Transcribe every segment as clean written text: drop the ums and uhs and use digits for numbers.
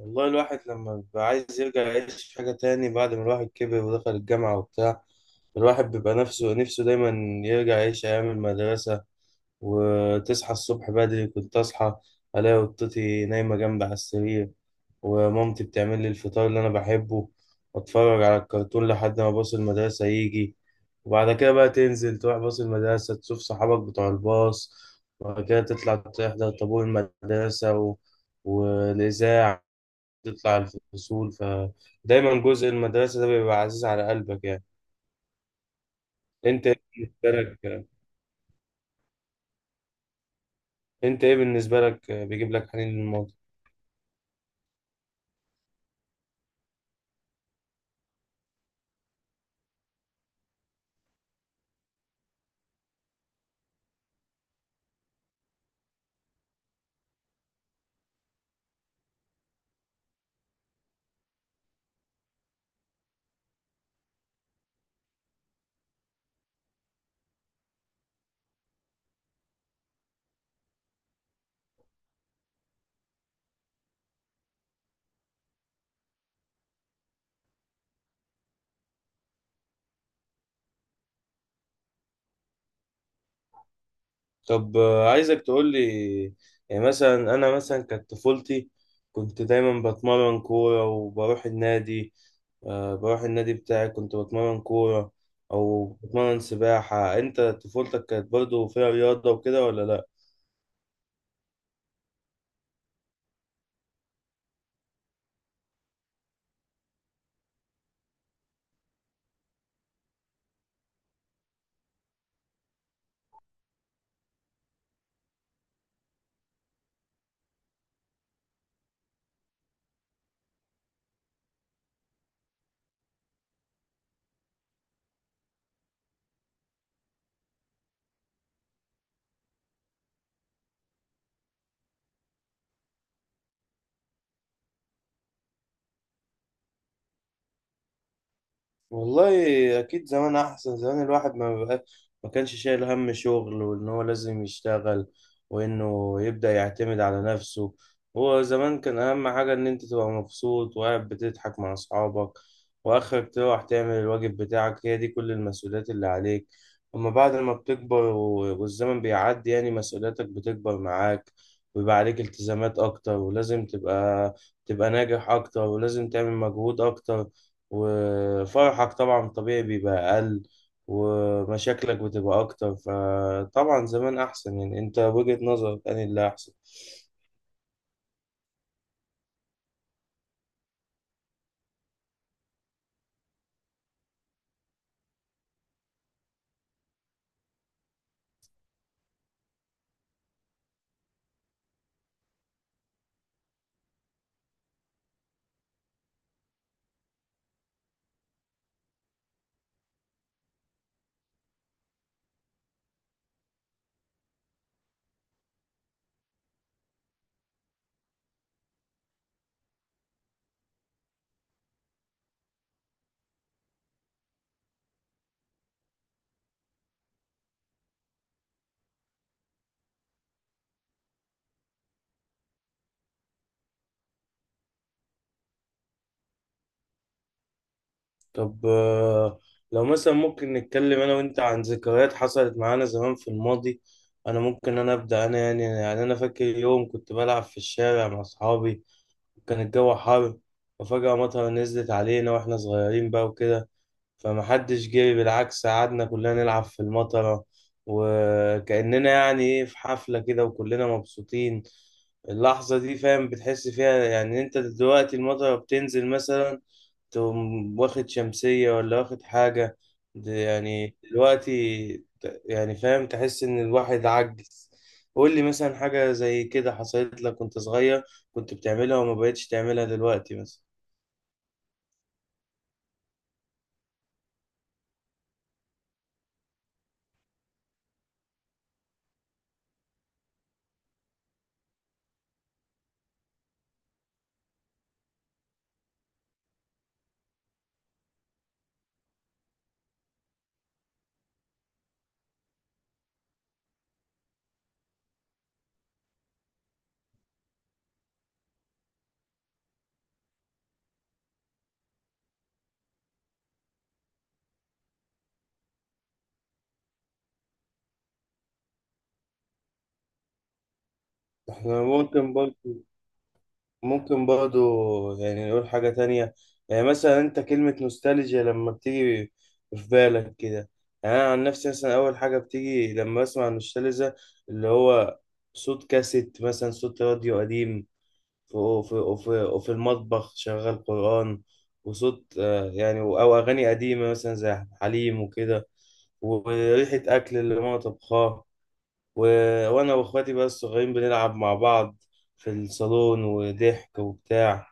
والله الواحد لما بيبقى عايز يرجع يعيش في حاجة تاني بعد ما الواحد كبر ودخل الجامعة وبتاع. الواحد بيبقى نفسه نفسه دايما يرجع يعيش أيام المدرسة. وتصحى الصبح بدري، كنت أصحى ألاقي قطتي نايمة جنبي على السرير، ومامتي بتعمل لي الفطار اللي أنا بحبه، وأتفرج على الكرتون لحد ما باص المدرسة يجي. وبعد كده بقى تنزل تروح باص المدرسة تشوف صحابك بتوع الباص. وبعد كده تطلع تحضر طابور المدرسة والإذاعة، تطلع الفصول. فدايما جزء المدرسة ده بيبقى عزيز على قلبك يعني. انت ايه بالنسبة لك انت ايه بالنسبة لك بيجيب لك حنين للماضي؟ طب، عايزك تقول لي. يعني مثلا انا مثلا كانت طفولتي كنت دايما بتمرن كورة وبروح النادي. بروح النادي بتاعي كنت بتمرن كورة او بتمرن سباحة. انت طفولتك كانت برضو فيها رياضة وكده ولا لا؟ والله اكيد زمان احسن. زمان الواحد ما بقى ما كانش شايل هم شغل وان هو لازم يشتغل وانه يبدأ يعتمد على نفسه. هو زمان كان اهم حاجة ان انت تبقى مبسوط وقاعد بتضحك مع اصحابك، واخرك تروح تعمل الواجب بتاعك. هي دي كل المسؤوليات اللي عليك. اما بعد ما بتكبر والزمن بيعدي يعني مسؤولياتك بتكبر معاك، ويبقى عليك التزامات اكتر ولازم تبقى ناجح اكتر ولازم تعمل مجهود اكتر. وفرحك طبعا طبيعي بيبقى أقل، ومشاكلك بتبقى أكتر. فطبعا زمان أحسن يعني. أنت وجهة نظرك أنا اللي أحسن؟ طب، لو مثلا ممكن نتكلم أنا وأنت عن ذكريات حصلت معانا زمان في الماضي. أنا ممكن أنا أبدأ. أنا يعني أنا فاكر يوم كنت بلعب في الشارع مع أصحابي. كان الجو حر، وفجأة مطر نزلت علينا وإحنا صغيرين بقى وكده. فمحدش جاي، بالعكس قعدنا كلنا نلعب في المطرة، وكأننا يعني ايه في حفلة كده وكلنا مبسوطين. اللحظة دي فاهم بتحس فيها. يعني انت دلوقتي المطرة بتنزل مثلا، تقوم واخد شمسية ولا واخد حاجة. ده يعني دلوقتي. يعني فاهم تحس ان الواحد عجز. قول لي مثلا حاجة زي كده حصلت لك وانت صغير، كنت بتعملها وما بقتش تعملها دلوقتي مثلا. احنا ممكن برضو يعني نقول حاجة تانية. يعني مثلا أنت كلمة نوستالجيا لما بتيجي في بالك كده؟ يعني أنا عن نفسي مثلا أول حاجة بتيجي لما بسمع نوستالجيا اللي هو صوت كاسيت مثلا، صوت راديو قديم في وفي وفي وفي المطبخ شغال قرآن، وصوت يعني أو أغاني قديمة مثلا زي حليم وكده، وريحة أكل اللي ماما طبخاه، و... وانا واخواتي بقى الصغيرين بنلعب مع بعض في الصالون، وضحك وبتاع.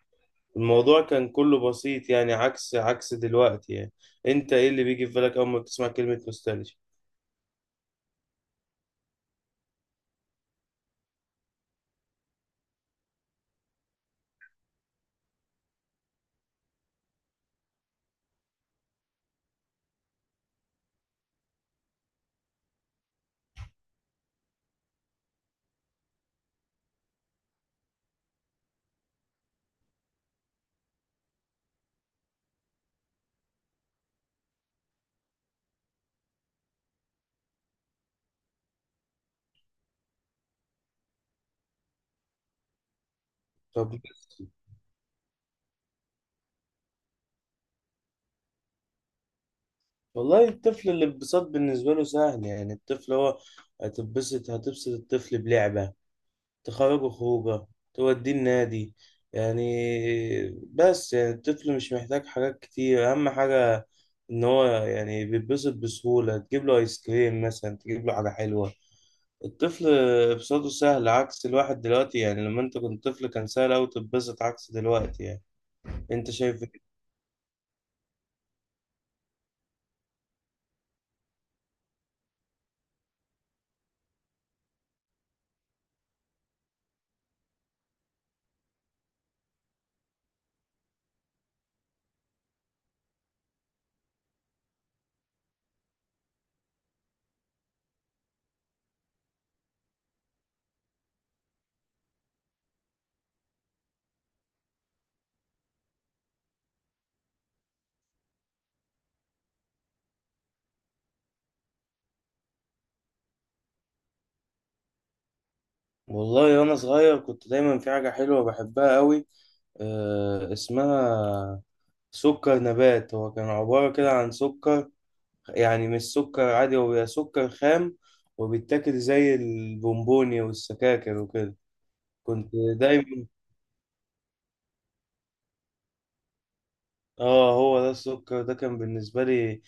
الموضوع كان كله بسيط يعني، عكس دلوقتي يعني. انت ايه اللي بيجي في بالك اول ما بتسمع كلمة نوستالجيا؟ طب، والله الطفل الانبساط بالنسبة له سهل. يعني الطفل هو هتبسط. الطفل بلعبة تخرجه، خروجه توديه النادي يعني. بس يعني الطفل مش محتاج حاجات كتير. أهم حاجة إن هو يعني بيتبسط بسهولة، تجيب له آيس كريم مثلا، تجيب له حاجة حلوة. الطفل إبساطه سهل عكس الواحد دلوقتي يعني. لما أنت كنت طفل كان سهل أوي تتبسط عكس دلوقتي يعني. أنت شايف إيه؟ والله وأنا صغير كنت دايما في حاجة حلوة بحبها أوي. اسمها سكر نبات. هو كان عبارة كده عن سكر، يعني مش سكر عادي، هو بيبقى سكر خام، وبيتاكل زي البونبوني والسكاكر وكده. كنت دايما. اه هو ده السكر ده كان بالنسبة لي.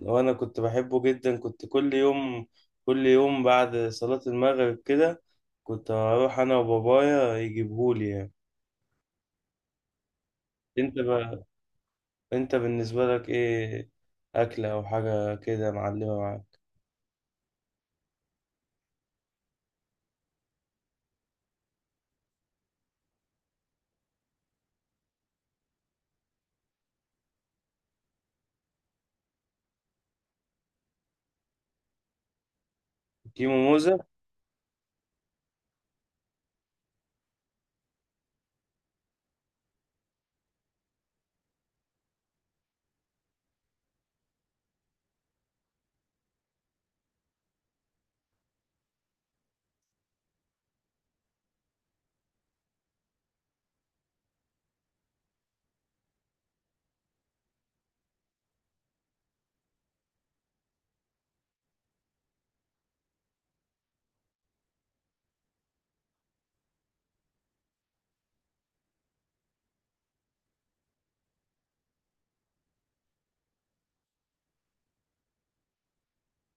وانا كنت بحبه جدا، كنت كل يوم، كل يوم بعد صلاة المغرب كده كنت اروح انا وبابايا يجيبهولي يعني. انت بقى، انت بالنسبة لك ايه، اكلة او حاجة كده معلمة معاك؟ كيمو موزة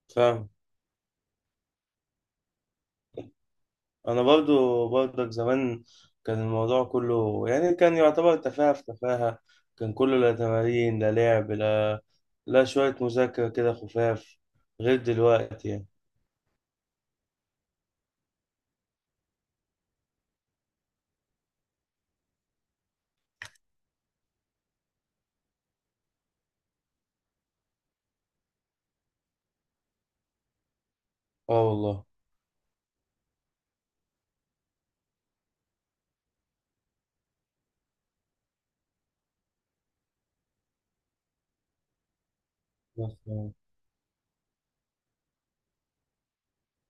فاهم. انا برضو برضك زمان كان الموضوع كله يعني، كان يعتبر تفاهة في تفاهة. كان كله لا تمارين لا لعب لا شوية مذاكرة كده خفاف، غير دلوقتي يعني. اه والله. بس يعني.